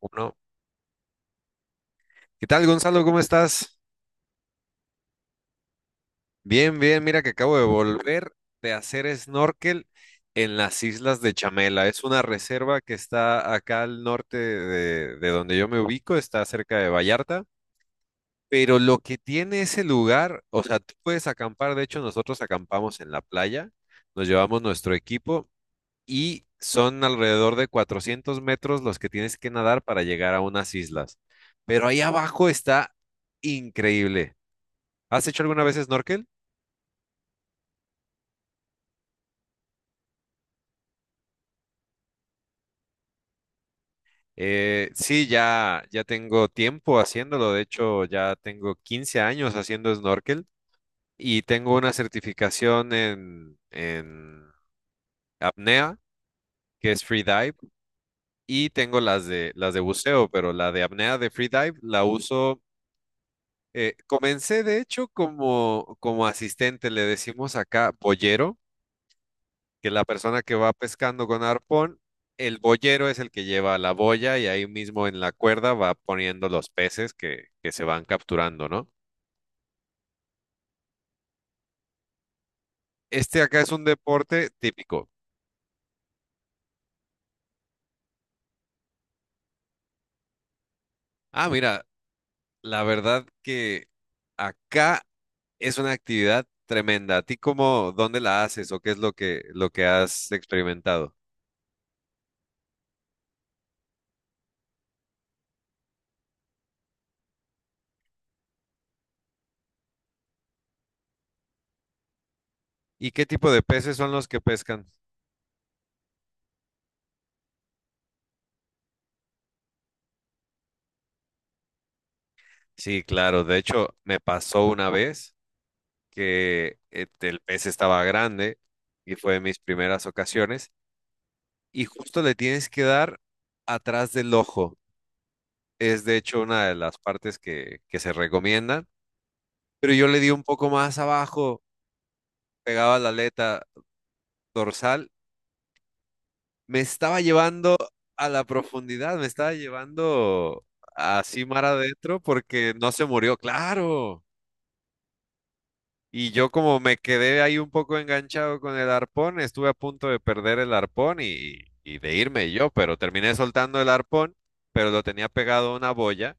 Uno. ¿Qué tal, Gonzalo? ¿Cómo estás? Bien, bien. Mira que acabo de volver de hacer snorkel en las islas de Chamela. Es una reserva que está acá al norte de donde yo me ubico, está cerca de Vallarta. Pero lo que tiene ese lugar, o sea, tú puedes acampar. De hecho, nosotros acampamos en la playa, nos llevamos nuestro equipo y son alrededor de 400 metros los que tienes que nadar para llegar a unas islas. Pero ahí abajo está increíble. ¿Has hecho alguna vez snorkel? Sí, ya tengo tiempo haciéndolo. De hecho, ya tengo 15 años haciendo snorkel y tengo una certificación en apnea, que es free dive, y tengo las las de buceo, pero la de apnea de free dive la uso. Comencé, de hecho, como asistente, le decimos acá boyero que la persona que va pescando con arpón, el boyero es el que lleva la boya y ahí mismo en la cuerda va poniendo los peces que se van capturando, ¿no? Este acá es un deporte típico. Ah, mira, la verdad que acá es una actividad tremenda. ¿A ti cómo, dónde la haces o qué es lo que has experimentado? ¿Y qué tipo de peces son los que pescan? Sí, claro. De hecho, me pasó una vez que el pez estaba grande y fue de mis primeras ocasiones. Y justo le tienes que dar atrás del ojo. Es de hecho una de las partes que se recomiendan. Pero yo le di un poco más abajo, pegaba la aleta dorsal. Me estaba llevando a la profundidad, me estaba llevando así mar adentro porque no se murió, claro. Y yo como me quedé ahí un poco enganchado con el arpón, estuve a punto de perder el arpón y de irme yo, pero terminé soltando el arpón, pero lo tenía pegado a una boya.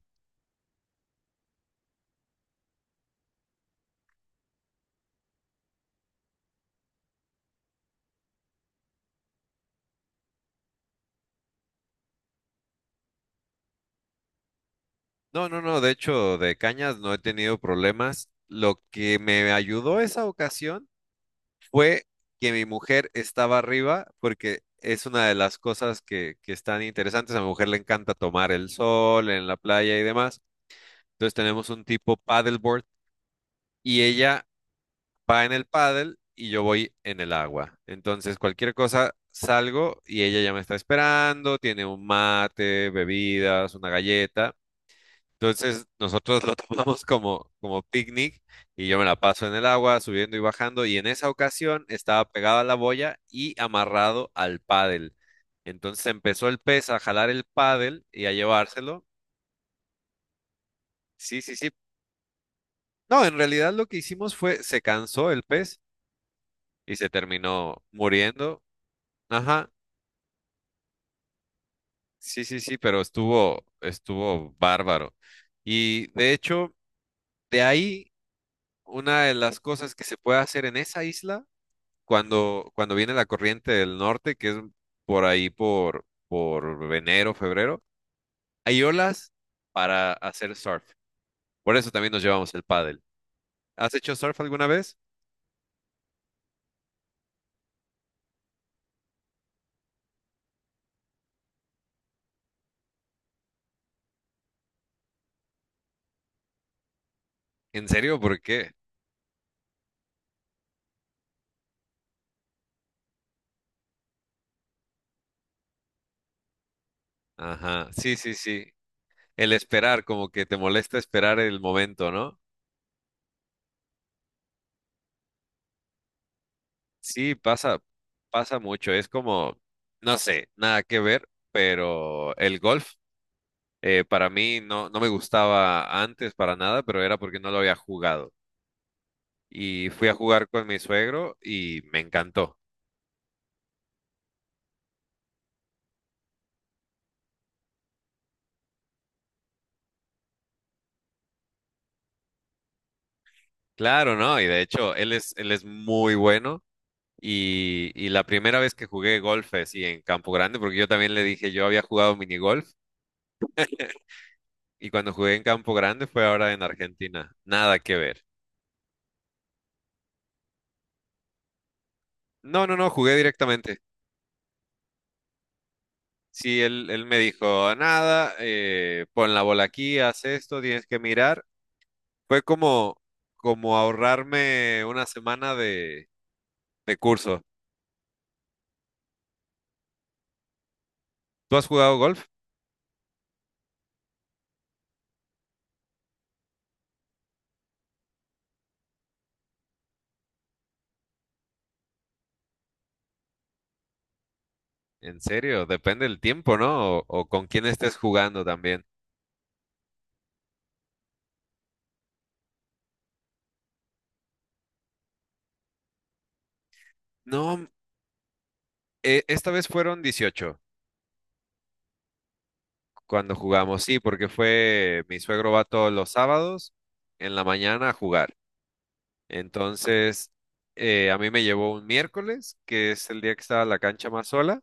No, de hecho, de cañas no he tenido problemas. Lo que me ayudó esa ocasión fue que mi mujer estaba arriba, porque es una de las cosas que están interesantes. A mi mujer le encanta tomar el sol en la playa y demás. Entonces tenemos un tipo paddleboard y ella va en el paddle y yo voy en el agua. Entonces, cualquier cosa, salgo y ella ya me está esperando, tiene un mate, bebidas, una galleta. Entonces, nosotros lo tomamos como, como picnic y yo me la paso en el agua, subiendo y bajando. Y en esa ocasión estaba pegado a la boya y amarrado al paddle. Entonces empezó el pez a jalar el paddle y a llevárselo. Sí, sí, sí. No, en realidad lo que hicimos fue, se cansó el pez y se terminó muriendo. Ajá. Sí, sí, sí, pero estuvo, estuvo bárbaro. Y de hecho, de ahí, una de las cosas que se puede hacer en esa isla, cuando viene la corriente del norte, que es por ahí por enero, febrero, hay olas para hacer surf. Por eso también nos llevamos el pádel. ¿Has hecho surf alguna vez? ¿En serio? ¿Por qué? Ajá, sí, sí, sí. El esperar, como que te molesta esperar el momento, ¿no? Sí, pasa, pasa mucho. Es como, no sé, nada que ver, pero el golf para mí no me gustaba antes para nada, pero era porque no lo había jugado. Y fui a jugar con mi suegro y me encantó. Claro, ¿no? Y de hecho, él es muy bueno. Y la primera vez que jugué golf así en Campo Grande, porque yo también le dije, yo había jugado minigolf y cuando jugué en Campo Grande fue ahora en Argentina. Nada que ver. No, jugué directamente. Sí, él me dijo, nada, pon la bola aquí, haz esto, tienes que mirar. Fue como, como ahorrarme una semana de curso. ¿Tú has jugado golf? En serio, depende del tiempo, ¿no? O con quién estés jugando también. No, esta vez fueron 18 cuando jugamos, sí, porque fue, mi suegro va todos los sábados en la mañana a jugar. Entonces, a mí me llevó un miércoles, que es el día que estaba la cancha más sola.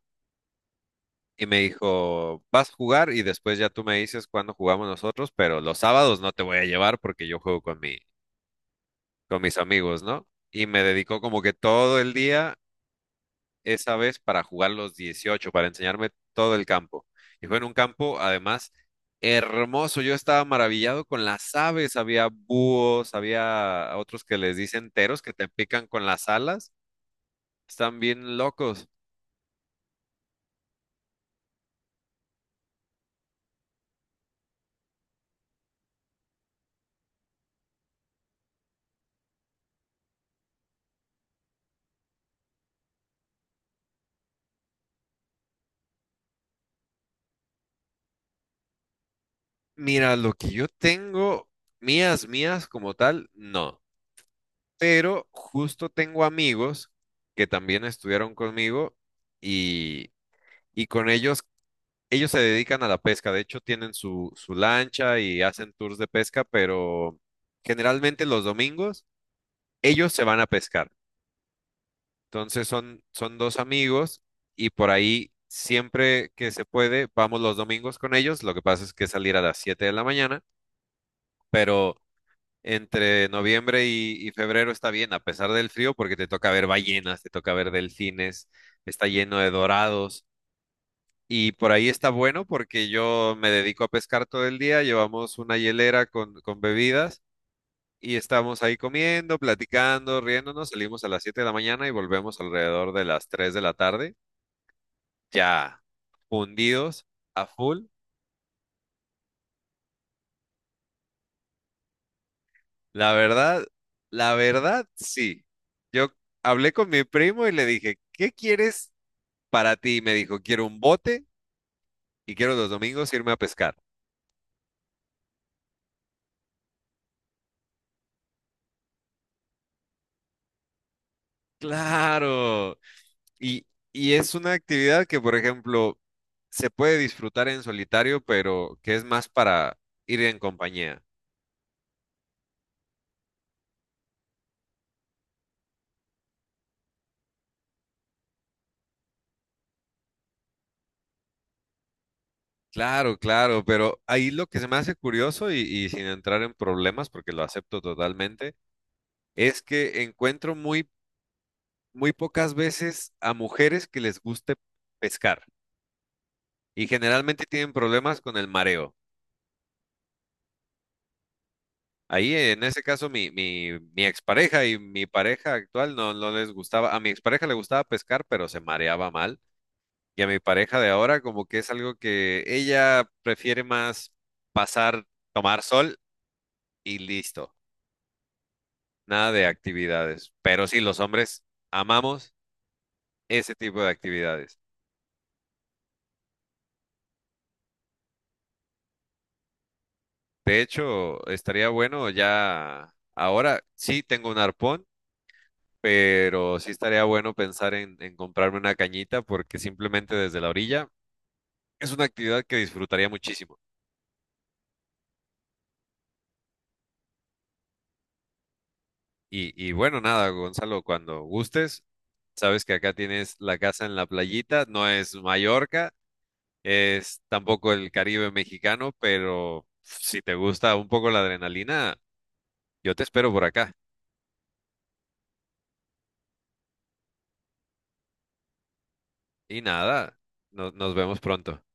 Y me dijo, vas a jugar y después ya tú me dices cuándo jugamos nosotros, pero los sábados no te voy a llevar porque yo juego con mi, con mis amigos, ¿no? Y me dedicó como que todo el día esa vez para jugar los 18 para enseñarme todo el campo. Y fue en un campo, además, hermoso. Yo estaba maravillado con las aves. Había búhos, había otros que les dicen teros que te pican con las alas. Están bien locos. Mira, lo que yo tengo, mías, mías como tal, no. Pero justo tengo amigos que también estudiaron conmigo y, y con ellos, ellos se dedican a la pesca, de hecho tienen su lancha y hacen tours de pesca, pero generalmente los domingos ellos se van a pescar. Entonces son, son dos amigos y por ahí siempre que se puede, vamos los domingos con ellos, lo que pasa es que salir a las 7 de la mañana, pero... entre noviembre y febrero está bien, a pesar del frío, porque te toca ver ballenas, te toca ver delfines, está lleno de dorados. Y por ahí está bueno porque yo me dedico a pescar todo el día, llevamos una hielera con bebidas y estamos ahí comiendo, platicando, riéndonos, salimos a las 7 de la mañana y volvemos alrededor de las 3 de la tarde, ya fundidos a full. La verdad, la verdad, sí. Yo hablé con mi primo y le dije, ¿qué quieres para ti? Me dijo, quiero un bote y quiero los domingos irme a pescar. Claro. Y, y es una actividad que, por ejemplo, se puede disfrutar en solitario, pero que es más para ir en compañía. Claro, claro, pero ahí lo que se me hace curioso y sin entrar en problemas, porque lo acepto totalmente, es que encuentro muy, muy pocas veces a mujeres que les guste pescar y generalmente tienen problemas con el mareo. Ahí, en ese caso, mi expareja y mi pareja actual no, no les gustaba. A mi expareja le gustaba pescar, pero se mareaba mal. Y a mi pareja de ahora, como que es algo que ella prefiere más pasar, tomar sol y listo. Nada de actividades. Pero sí, los hombres amamos ese tipo de actividades. De hecho, estaría bueno ya ahora, sí tengo un arpón. Pero sí estaría bueno pensar en comprarme una cañita porque simplemente desde la orilla es una actividad que disfrutaría muchísimo. Y bueno, nada, Gonzalo, cuando gustes, sabes que acá tienes la casa en la playita, no es Mallorca, es tampoco el Caribe mexicano, pero si te gusta un poco la adrenalina, yo te espero por acá. Y nada, nos vemos pronto.